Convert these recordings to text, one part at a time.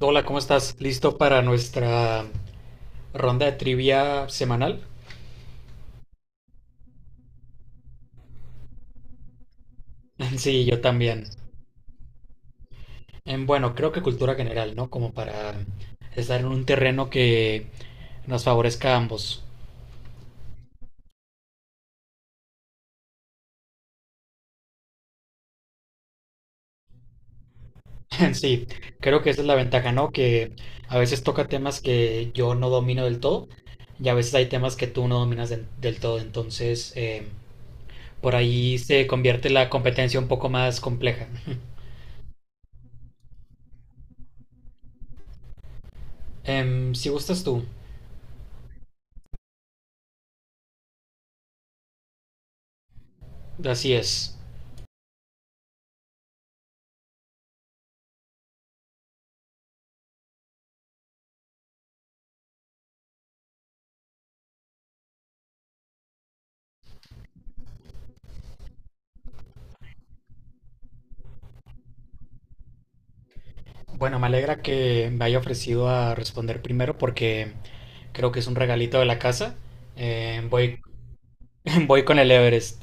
Hola, ¿cómo estás? ¿Listo para nuestra ronda de trivia semanal? Sí, yo también. Bueno, creo que cultura general, ¿no? Como para estar en un terreno que nos favorezca a ambos. Sí, creo que esa es la ventaja, ¿no? Que a veces toca temas que yo no domino del todo y a veces hay temas que tú no dominas del todo. Entonces, por ahí se convierte la competencia un poco más compleja. Si gustas tú, así es. Bueno, me alegra que me haya ofrecido a responder primero porque creo que es un regalito de la casa. Eh, voy, voy con el Everest.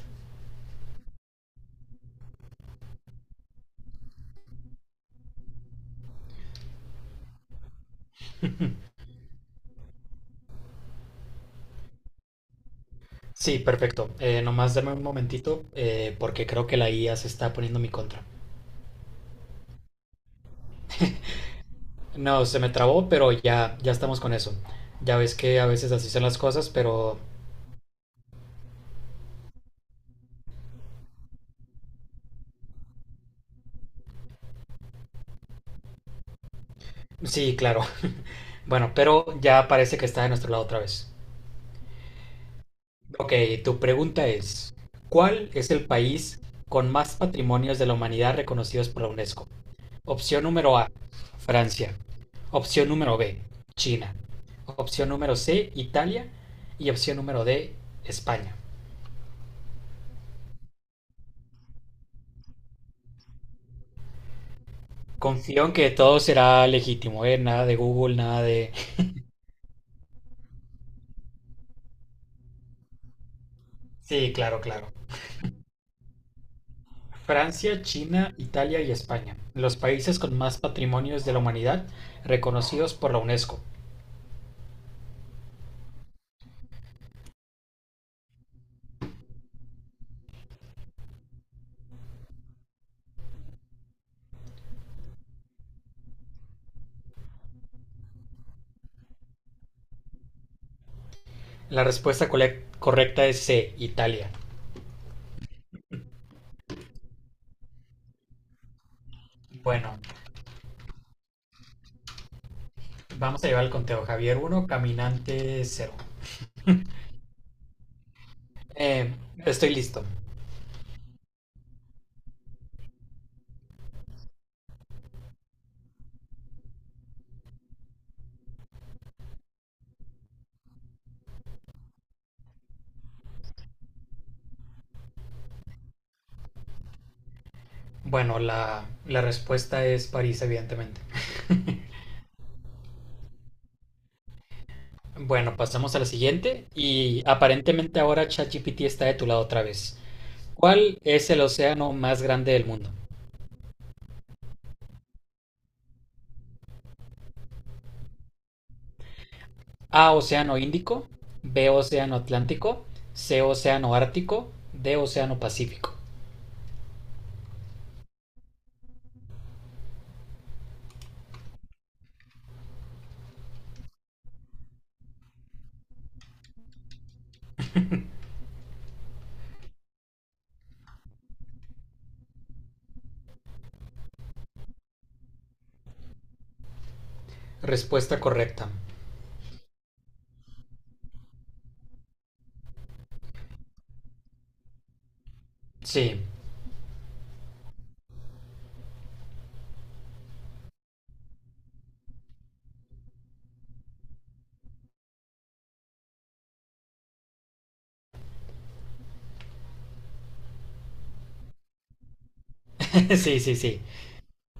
Sí, perfecto. Nomás dame un momentito porque creo que la IA se está poniendo en mi contra. No, se me trabó, pero ya, ya estamos con eso. Ya ves que a veces así son las cosas, pero sí, claro. Bueno, pero ya parece que está de nuestro lado otra vez. Ok, tu pregunta es, ¿cuál es el país con más patrimonios de la humanidad reconocidos por la UNESCO? Opción número A, Francia. Opción número B, China. Opción número C, Italia. Y opción número D, España. Confío en que todo será legítimo, ¿eh? Nada de Google, nada de... Sí, claro, claro. Francia, China, Italia y España. Los países con más patrimonios de la humanidad reconocidos por la UNESCO. La respuesta correcta es C, Italia. Bueno, vamos a llevar el conteo. Javier uno, Caminante 0. Estoy listo. Bueno, la respuesta es París, evidentemente. Bueno, pasamos a la siguiente y aparentemente ahora ChatGPT está de tu lado otra vez. ¿Cuál es el océano más grande del mundo? A, océano Índico; B, océano Atlántico; C, océano Ártico; D, océano Pacífico. Respuesta correcta. Sí, sí, sí, sí.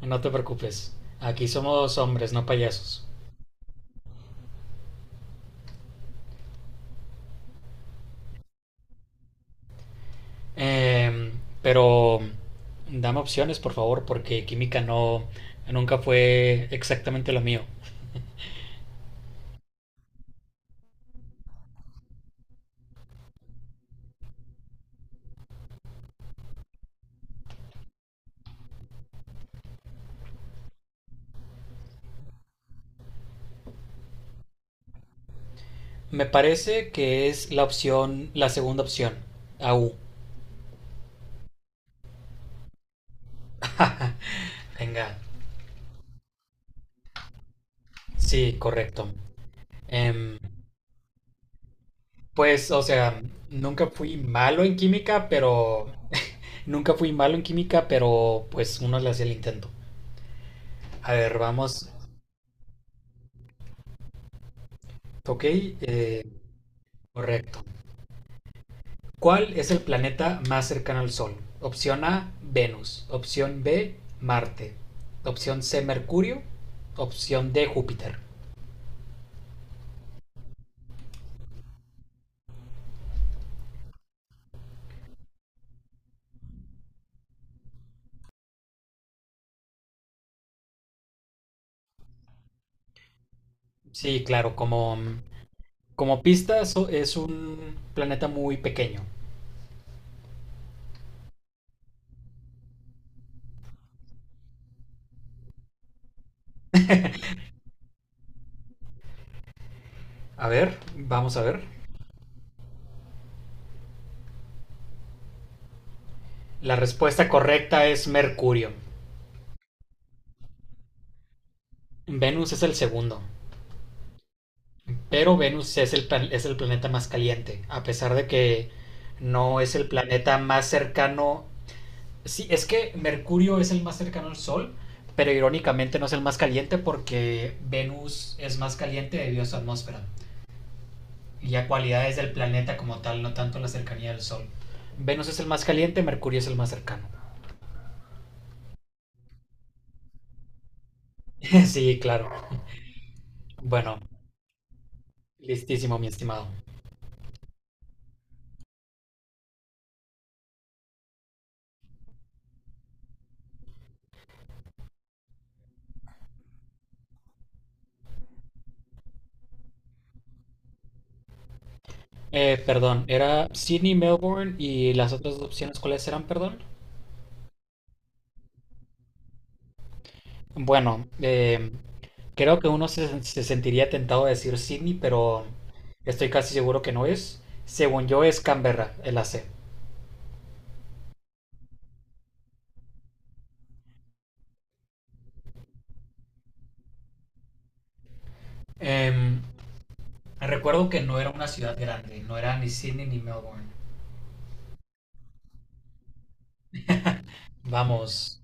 No te preocupes. Aquí somos hombres, no payasos. Eh, pero dame opciones, por favor, porque química no nunca fue exactamente lo mío. Me parece que es la segunda opción. A U. Venga. Sí, correcto. Em, pues, o sea, nunca fui malo en química, pero nunca fui malo en química, pero pues uno le hacía el intento. A ver, vamos. Ok, correcto. ¿Cuál es el planeta más cercano al Sol? Opción A, Venus. Opción B, Marte. Opción C, Mercurio. Opción D, Júpiter. Sí, claro, como pista es un planeta muy pequeño. A ver, vamos a ver. La respuesta correcta es Mercurio. Venus es el segundo, pero Venus es es el planeta más caliente, a pesar de que no es el planeta más cercano. Sí, es que Mercurio es el más cercano al Sol, pero irónicamente no es el más caliente porque Venus es más caliente debido a su atmósfera y a cualidades del planeta como tal, no tanto la cercanía del Sol. Venus es el más caliente, Mercurio es el más cercano. Sí, claro. Bueno, listísimo, mi estimado. Perdón, era Sydney, Melbourne y las otras opciones, ¿cuáles eran, perdón? Bueno, creo que uno se sentiría tentado a decir Sydney, pero estoy casi seguro que no es. Según yo es Canberra, el AC. Em, Recuerdo que no era una ciudad grande, no era ni Sydney ni Melbourne. Vamos,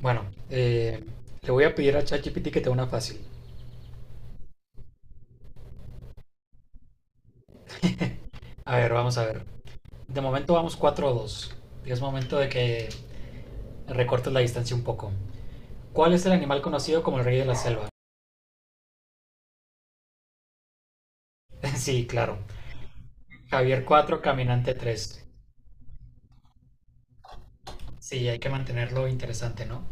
bueno, le voy a pedir a ChatGPT que te dé una fácil. A ver, vamos a ver. De momento vamos 4 o 2. Y es momento de que recortes la distancia un poco. ¿Cuál es el animal conocido como el rey de la selva? Sí, claro. Javier 4, Caminante 3. Sí, hay que mantenerlo interesante, ¿no?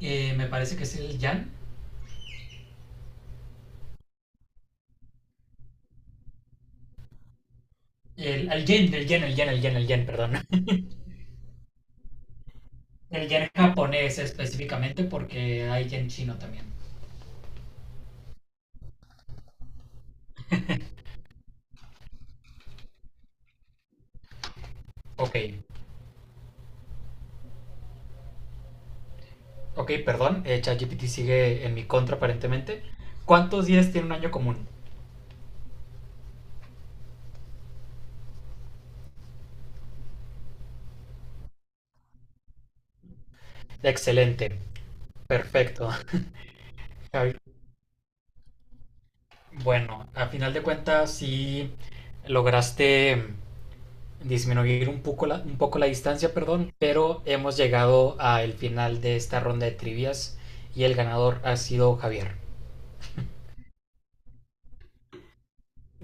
Me parece que es el yan. El yen, el yen, perdón. El yen japonés específicamente porque hay yen chino también. Ok, ok, perdón. ChatGPT sigue en mi contra aparentemente. ¿Cuántos días tiene un año común? Excelente, perfecto. Javi. Bueno, a final de cuentas sí lograste disminuir un poco la distancia, perdón, pero hemos llegado al final de esta ronda de trivias y el ganador ha sido Javier.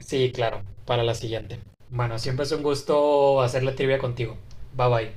Sí, claro, para la siguiente. Bueno, siempre es un gusto hacer la trivia contigo. Bye bye.